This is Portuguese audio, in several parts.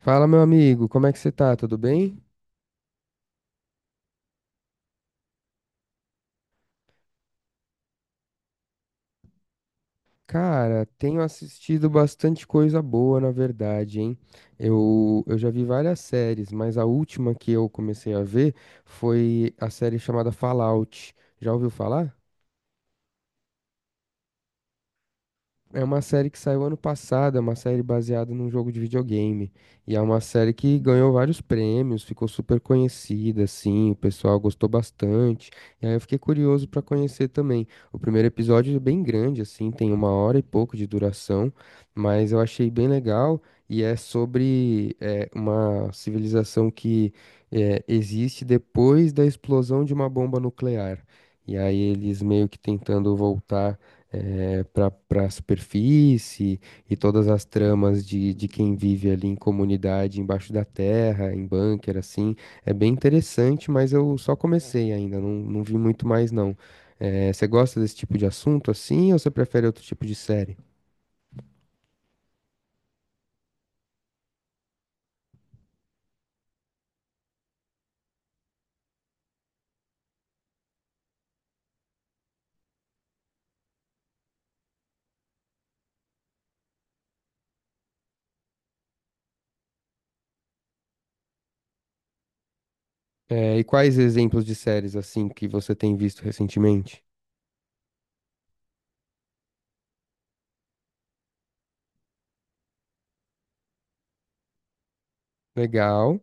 Fala, meu amigo, como é que você tá? Tudo bem? Cara, tenho assistido bastante coisa boa, na verdade, hein? Eu já vi várias séries, mas a última que eu comecei a ver foi a série chamada Fallout. Já ouviu falar? É uma série que saiu ano passado, é uma série baseada num jogo de videogame. E é uma série que ganhou vários prêmios, ficou super conhecida, assim, o pessoal gostou bastante. E aí eu fiquei curioso pra conhecer também. O primeiro episódio é bem grande, assim, tem uma hora e pouco de duração, mas eu achei bem legal. E é sobre uma civilização que é, existe depois da explosão de uma bomba nuclear. E aí eles meio que tentando voltar para a superfície e todas as tramas de quem vive ali em comunidade embaixo da terra, em bunker, assim. É bem interessante, mas eu só comecei ainda, não vi muito mais não. Você gosta desse tipo de assunto assim ou você prefere outro tipo de série? E quais exemplos de séries assim que você tem visto recentemente? Legal.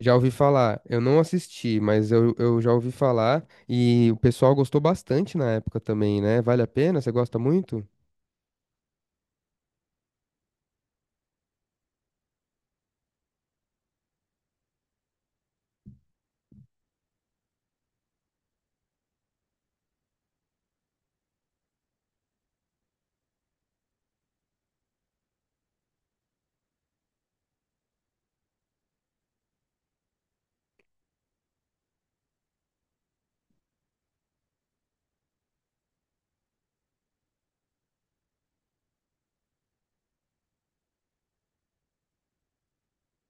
Já ouvi falar, eu não assisti, mas eu já ouvi falar e o pessoal gostou bastante na época também, né? Vale a pena? Você gosta muito?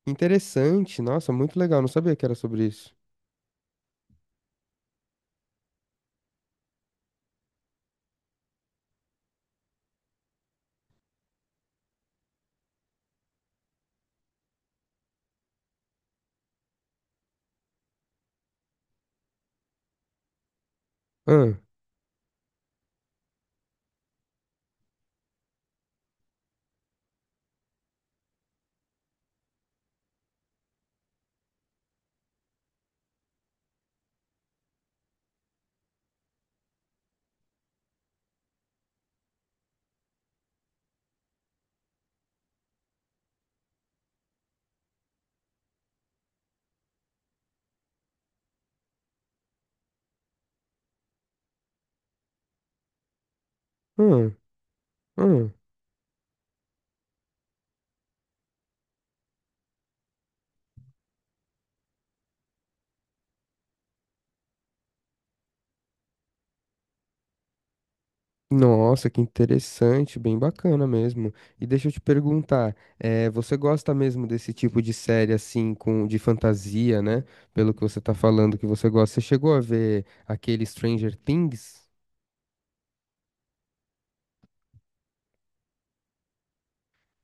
Interessante, nossa, muito legal, não sabia que era sobre isso. Ah, ah, ah. Nossa, que interessante, bem bacana mesmo. E deixa eu te perguntar, você gosta mesmo desse tipo de série assim, com de fantasia, né? Pelo que você tá falando que você gosta. Você chegou a ver aquele Stranger Things?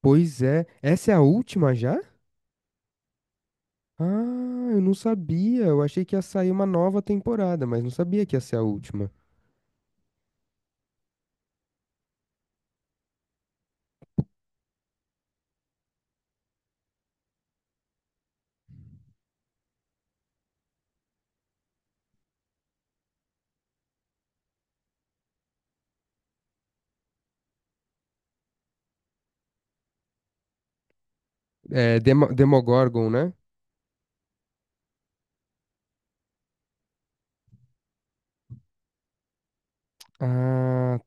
Pois é, essa é a última já? Ah, eu não sabia. Eu achei que ia sair uma nova temporada, mas não sabia que ia ser a última. É, Demogorgon, né? Ah,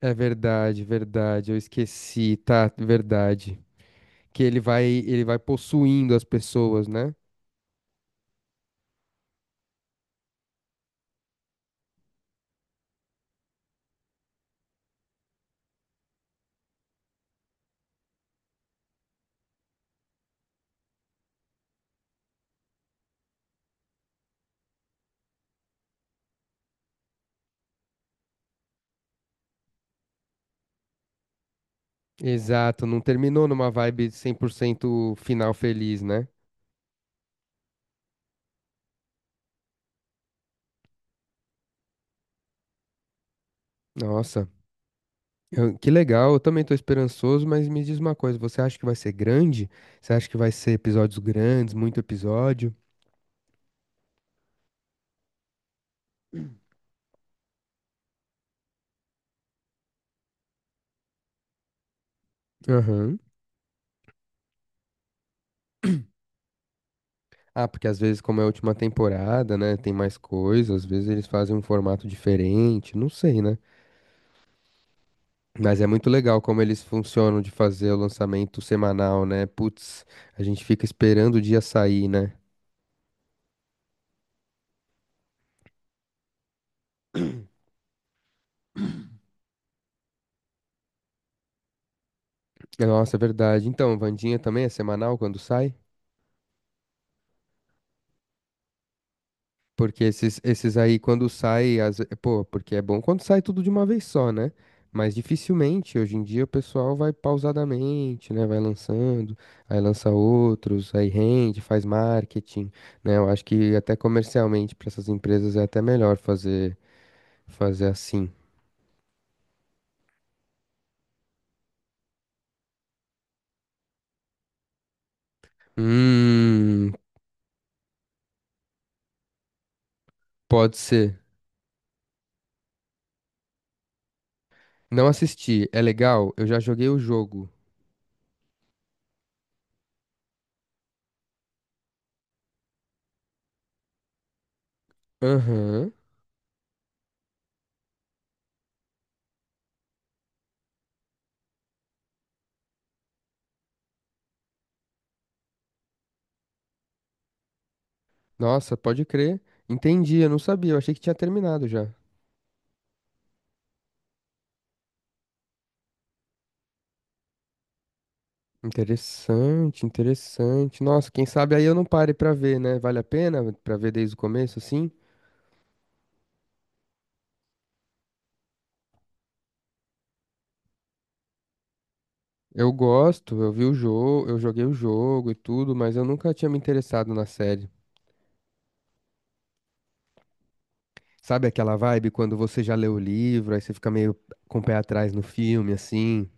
é verdade, verdade. Eu esqueci, tá? Verdade. Que ele vai possuindo as pessoas, né? Exato, não terminou numa vibe 100% final feliz, né? Nossa, que legal. Eu também tô esperançoso, mas me diz uma coisa, você acha que vai ser grande? Você acha que vai ser episódios grandes, muito episódio? Aham. Ah, porque às vezes, como é a última temporada, né, tem mais coisa, às vezes eles fazem um formato diferente, não sei, né? Mas é muito legal como eles funcionam de fazer o lançamento semanal, né? Putz, a gente fica esperando o dia sair, né? Nossa, é verdade. Então, Vandinha também é semanal quando sai? Porque esses aí, quando sai, pô, porque é bom quando sai tudo de uma vez só, né? Mas dificilmente, hoje em dia, o pessoal vai pausadamente, né? Vai lançando, aí lança outros, aí rende, faz marketing, né? Eu acho que até comercialmente, para essas empresas, é até melhor fazer, fazer assim. Hum, Pode ser. Não assisti. É legal? Eu já joguei o jogo. Aham. Nossa, pode crer. Entendi, eu não sabia. Eu achei que tinha terminado já. Interessante, interessante. Nossa, quem sabe aí eu não pare pra ver, né? Vale a pena pra ver desde o começo, assim? Eu gosto, eu vi o jogo, eu joguei o jogo e tudo, mas eu nunca tinha me interessado na série. Sabe aquela vibe quando você já leu o livro, aí você fica meio com o pé atrás no filme, assim?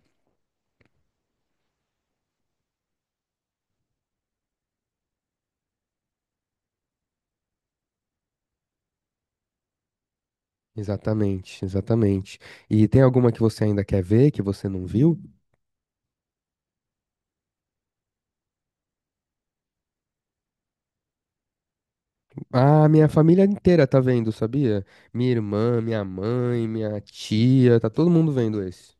Exatamente, exatamente. E tem alguma que você ainda quer ver, que você não viu? Ah, minha família inteira tá vendo, sabia? Minha irmã, minha mãe, minha tia, tá todo mundo vendo esse.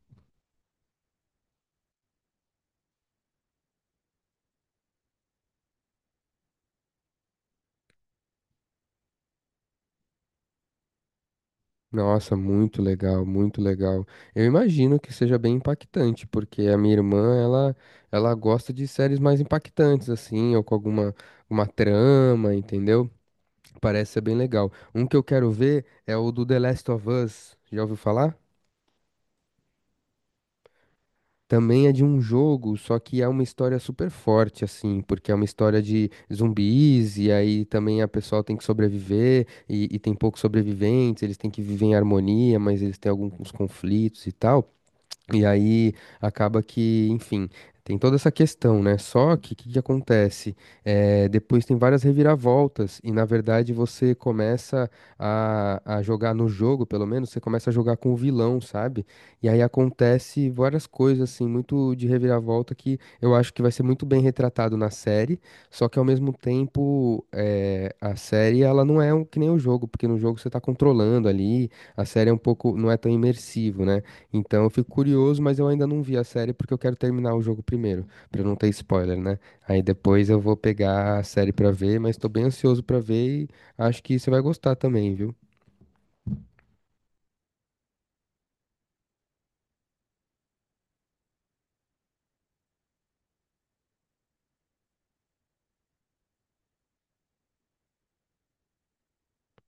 Nossa, muito legal, muito legal. Eu imagino que seja bem impactante, porque a minha irmã, ela gosta de séries mais impactantes, assim, ou com alguma uma trama, entendeu? Parece ser bem legal. Um que eu quero ver é o do The Last of Us. Já ouviu falar? Também é de um jogo, só que é uma história super forte, assim, porque é uma história de zumbis, e aí também a pessoa tem que sobreviver, e tem poucos sobreviventes, eles têm que viver em harmonia, mas eles têm alguns conflitos e tal. E aí acaba que, enfim, tem toda essa questão, né? Só que o que que acontece? É, depois tem várias reviravoltas, e na verdade você começa a jogar no jogo, pelo menos, você começa a jogar com o vilão, sabe? E aí acontece várias coisas, assim, muito de reviravolta que eu acho que vai ser muito bem retratado na série, só que ao mesmo tempo é, a série ela não é um, que nem o jogo, porque no jogo você tá controlando ali, a série é um pouco, não é tão imersivo, né? Então eu fico curioso, mas eu ainda não vi a série porque eu quero terminar o jogo primeiro, pra não ter spoiler, né? Aí depois eu vou pegar a série pra ver, mas tô bem ansioso pra ver e acho que você vai gostar também, viu?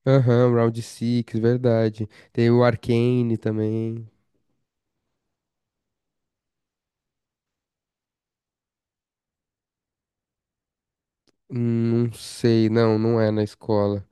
Aham, Round 6, verdade. Tem o Arcane também. Não sei, não, não é na escola.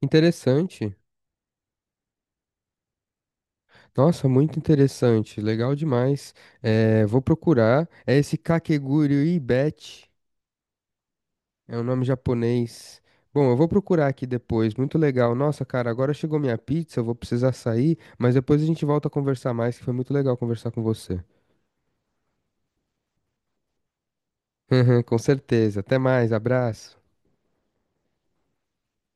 Interessante. Nossa, muito interessante, legal demais. É, vou procurar. É esse Kakegurui Ibet. É um nome japonês. Bom, eu vou procurar aqui depois. Muito legal. Nossa, cara, agora chegou minha pizza, eu vou precisar sair, mas depois a gente volta a conversar mais, que foi muito legal conversar com você. Com certeza. Até mais, abraço.